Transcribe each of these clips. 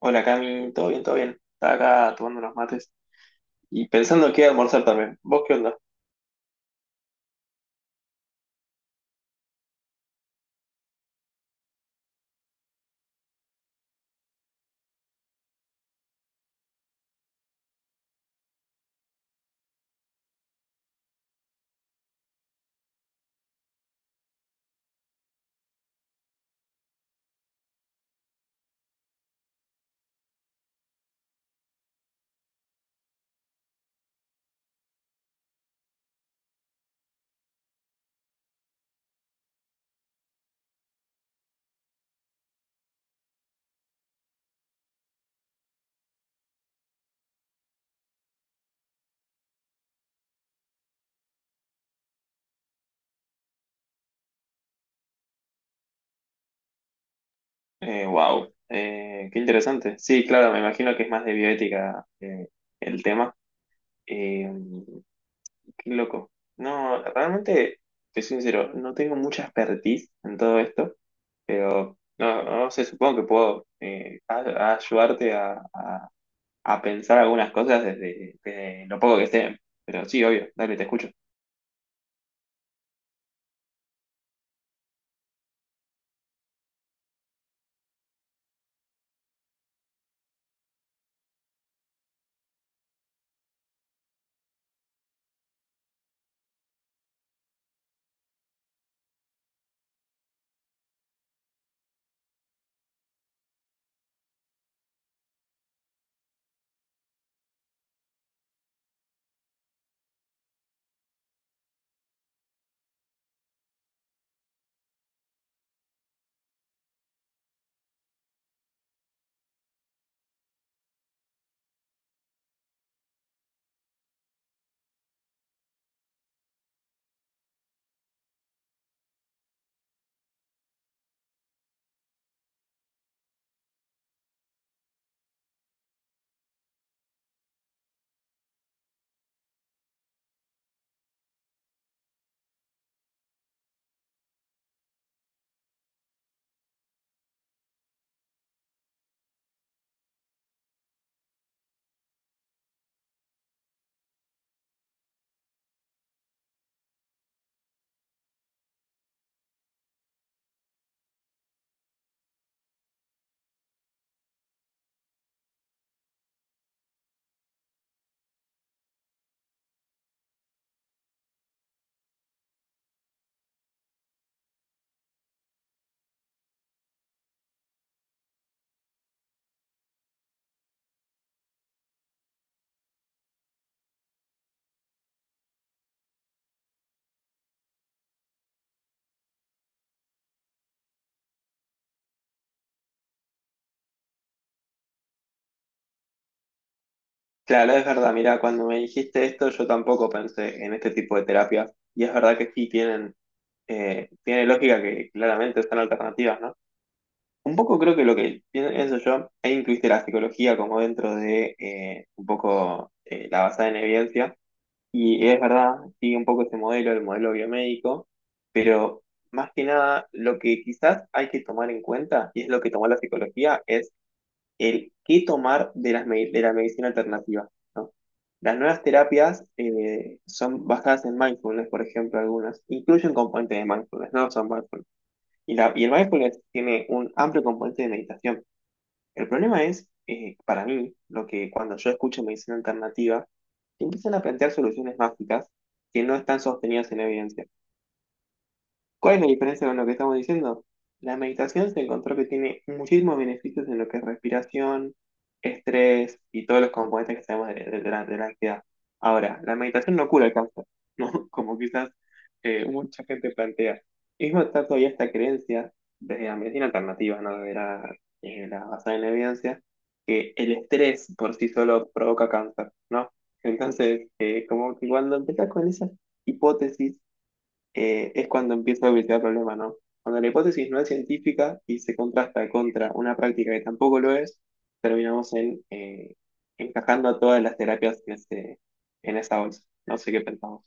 Hola Cami, todo bien, todo bien. Estaba acá tomando unos mates y pensando qué almorzar también. ¿Vos qué onda? Wow, Qué interesante. Sí, claro, me imagino que es más de bioética el tema. Eh, qué loco. No, realmente, te soy sincero, no tengo mucha expertise en todo esto, pero no, no sé, supongo que puedo a- ayudarte a pensar algunas cosas desde lo poco que sé. Pero sí, obvio, dale, te escucho. Claro, es verdad, mira, cuando me dijiste esto yo tampoco pensé en este tipo de terapias y es verdad que sí tienen, tiene lógica que claramente son alternativas, ¿no? Un poco creo que lo que pienso yo, e incluiste la psicología como dentro de un poco la basada en evidencia y es verdad, sigue un poco ese modelo, el modelo biomédico, pero más que nada lo que quizás hay que tomar en cuenta y es lo que tomó la psicología es el qué tomar de la medicina alternativa, ¿no? Las nuevas terapias son basadas en mindfulness, por ejemplo, algunas. Incluyen componentes de mindfulness, no son mindfulness. Y el mindfulness tiene un amplio componente de meditación. El problema es, para mí, lo que cuando yo escucho medicina alternativa, se empiezan a plantear soluciones mágicas que no están sostenidas en evidencia. ¿Cuál es la diferencia con lo que estamos diciendo? La meditación se encontró que tiene muchísimos beneficios en lo que es respiración, estrés y todos los componentes que sabemos de de la ansiedad. Ahora, la meditación no cura el cáncer, ¿no? Como quizás mucha gente plantea. Mismo está todavía esta creencia desde la medicina alternativa, ¿no? De la, la basada en evidencia, que el estrés por sí solo provoca cáncer, ¿no? Entonces, como que cuando empezás con esa hipótesis, es cuando empieza a evitar el problema, ¿no? Cuando la hipótesis no es científica y se contrasta contra una práctica que tampoco lo es, terminamos en encajando a todas las terapias en esa bolsa. No sé qué pensamos.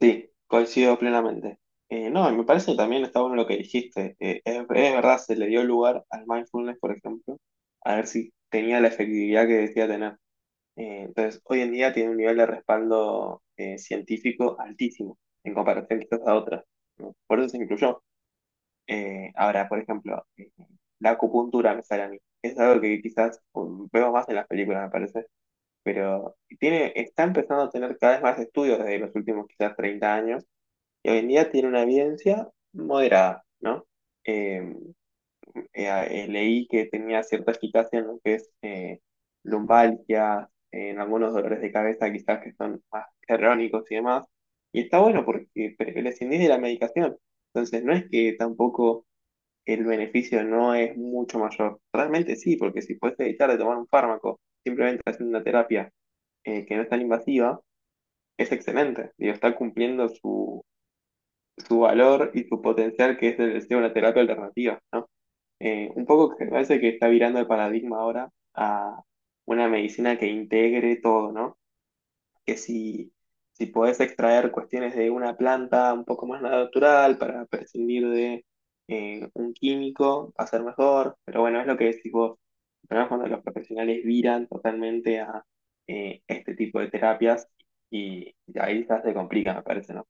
Sí, coincido plenamente. No, y me parece que también está bueno lo que dijiste. Es verdad, se le dio lugar al mindfulness, por ejemplo, a ver si tenía la efectividad que decía tener. Entonces, hoy en día tiene un nivel de respaldo científico altísimo en comparación quizás a otras. ¿No? Por eso se incluyó. Ahora, por ejemplo, la acupuntura me sale a mí. Es algo que quizás veo más en las películas, me parece, pero tiene, está empezando a tener cada vez más estudios desde los últimos quizás 30 años y hoy en día tiene una evidencia moderada, ¿no? Eh, eh, Leí que tenía cierta eficacia en lo que es lumbalgia, en algunos dolores de cabeza quizás que son más crónicos y demás. Y está bueno porque prescindís de la medicación. Entonces no es que tampoco el beneficio no es mucho mayor. Realmente sí, porque si puedes evitar de tomar un fármaco simplemente haciendo una terapia que no es tan invasiva, es excelente. Digo, está cumpliendo su valor y su potencial que es el de ser una terapia alternativa, ¿no? Un poco que me parece que está virando el paradigma ahora a una medicina que integre todo, ¿no? Que si, Si podés extraer cuestiones de una planta un poco más natural para prescindir de un químico, va a ser mejor. Pero bueno, es lo que decís vos. El problema es cuando los profesionales viran totalmente a este tipo de terapias y ahí ya se complica, me parece, ¿no?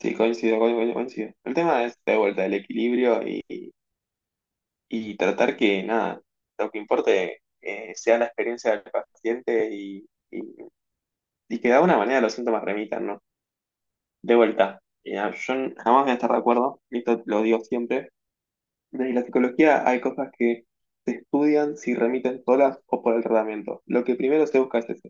Sí, coincido, coincido, coincido. El tema es de vuelta el equilibrio y tratar que nada, lo que importe sea la experiencia del paciente y que de alguna manera los síntomas remitan, ¿no? De vuelta, yo jamás voy a estar de acuerdo, y esto lo digo siempre, de la psicología hay cosas que se estudian si remiten solas o por el tratamiento. Lo que primero se busca es eso.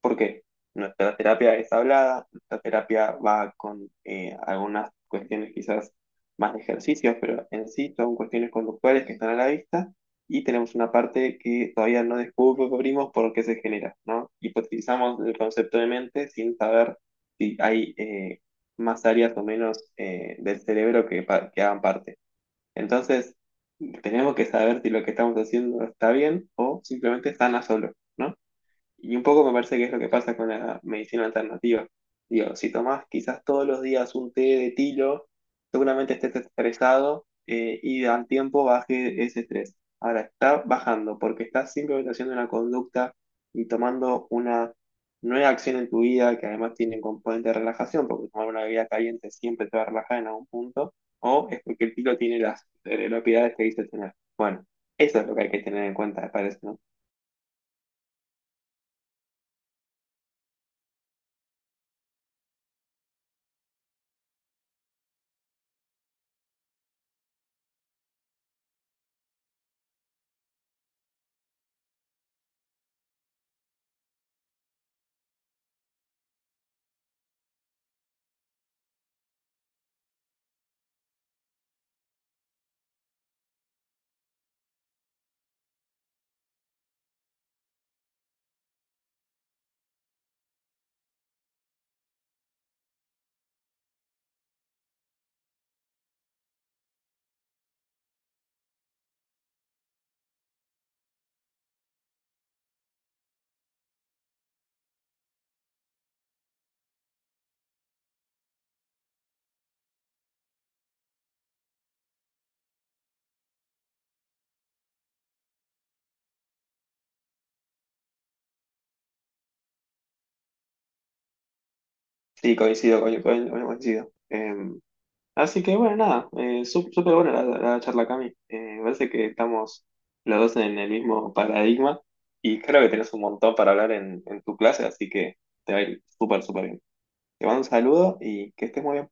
¿Por qué? Nuestra terapia es hablada, nuestra terapia va con algunas cuestiones quizás más de ejercicios, pero en sí son cuestiones conductuales que están a la vista y tenemos una parte que todavía no descubrimos por qué se genera, ¿no? Hipotetizamos el concepto de mente sin saber si hay más áreas o menos del cerebro que hagan parte. Entonces, tenemos que saber si lo que estamos haciendo está bien o simplemente están a solo, ¿no? Y un poco me parece que es lo que pasa con la medicina alternativa. Digo, si tomás quizás todos los días un té de tilo, seguramente estés estresado y al tiempo baje ese estrés. Ahora está bajando porque estás simplemente haciendo una conducta y tomando una nueva acción en tu vida que además tiene un componente de relajación, porque tomar una bebida caliente siempre te va a relajar en algún punto, o es porque el tilo tiene las propiedades que dice tener. Bueno, eso es lo que hay que tener en cuenta, me parece, ¿no? Sí, coincido, bueno, coincido. Así que bueno, nada, súper buena la charla, Cami. Me parece que estamos los dos en el mismo paradigma y creo que tenés un montón para hablar en tu clase, así que te va a ir súper, súper bien. Te mando un saludo y que estés muy bien.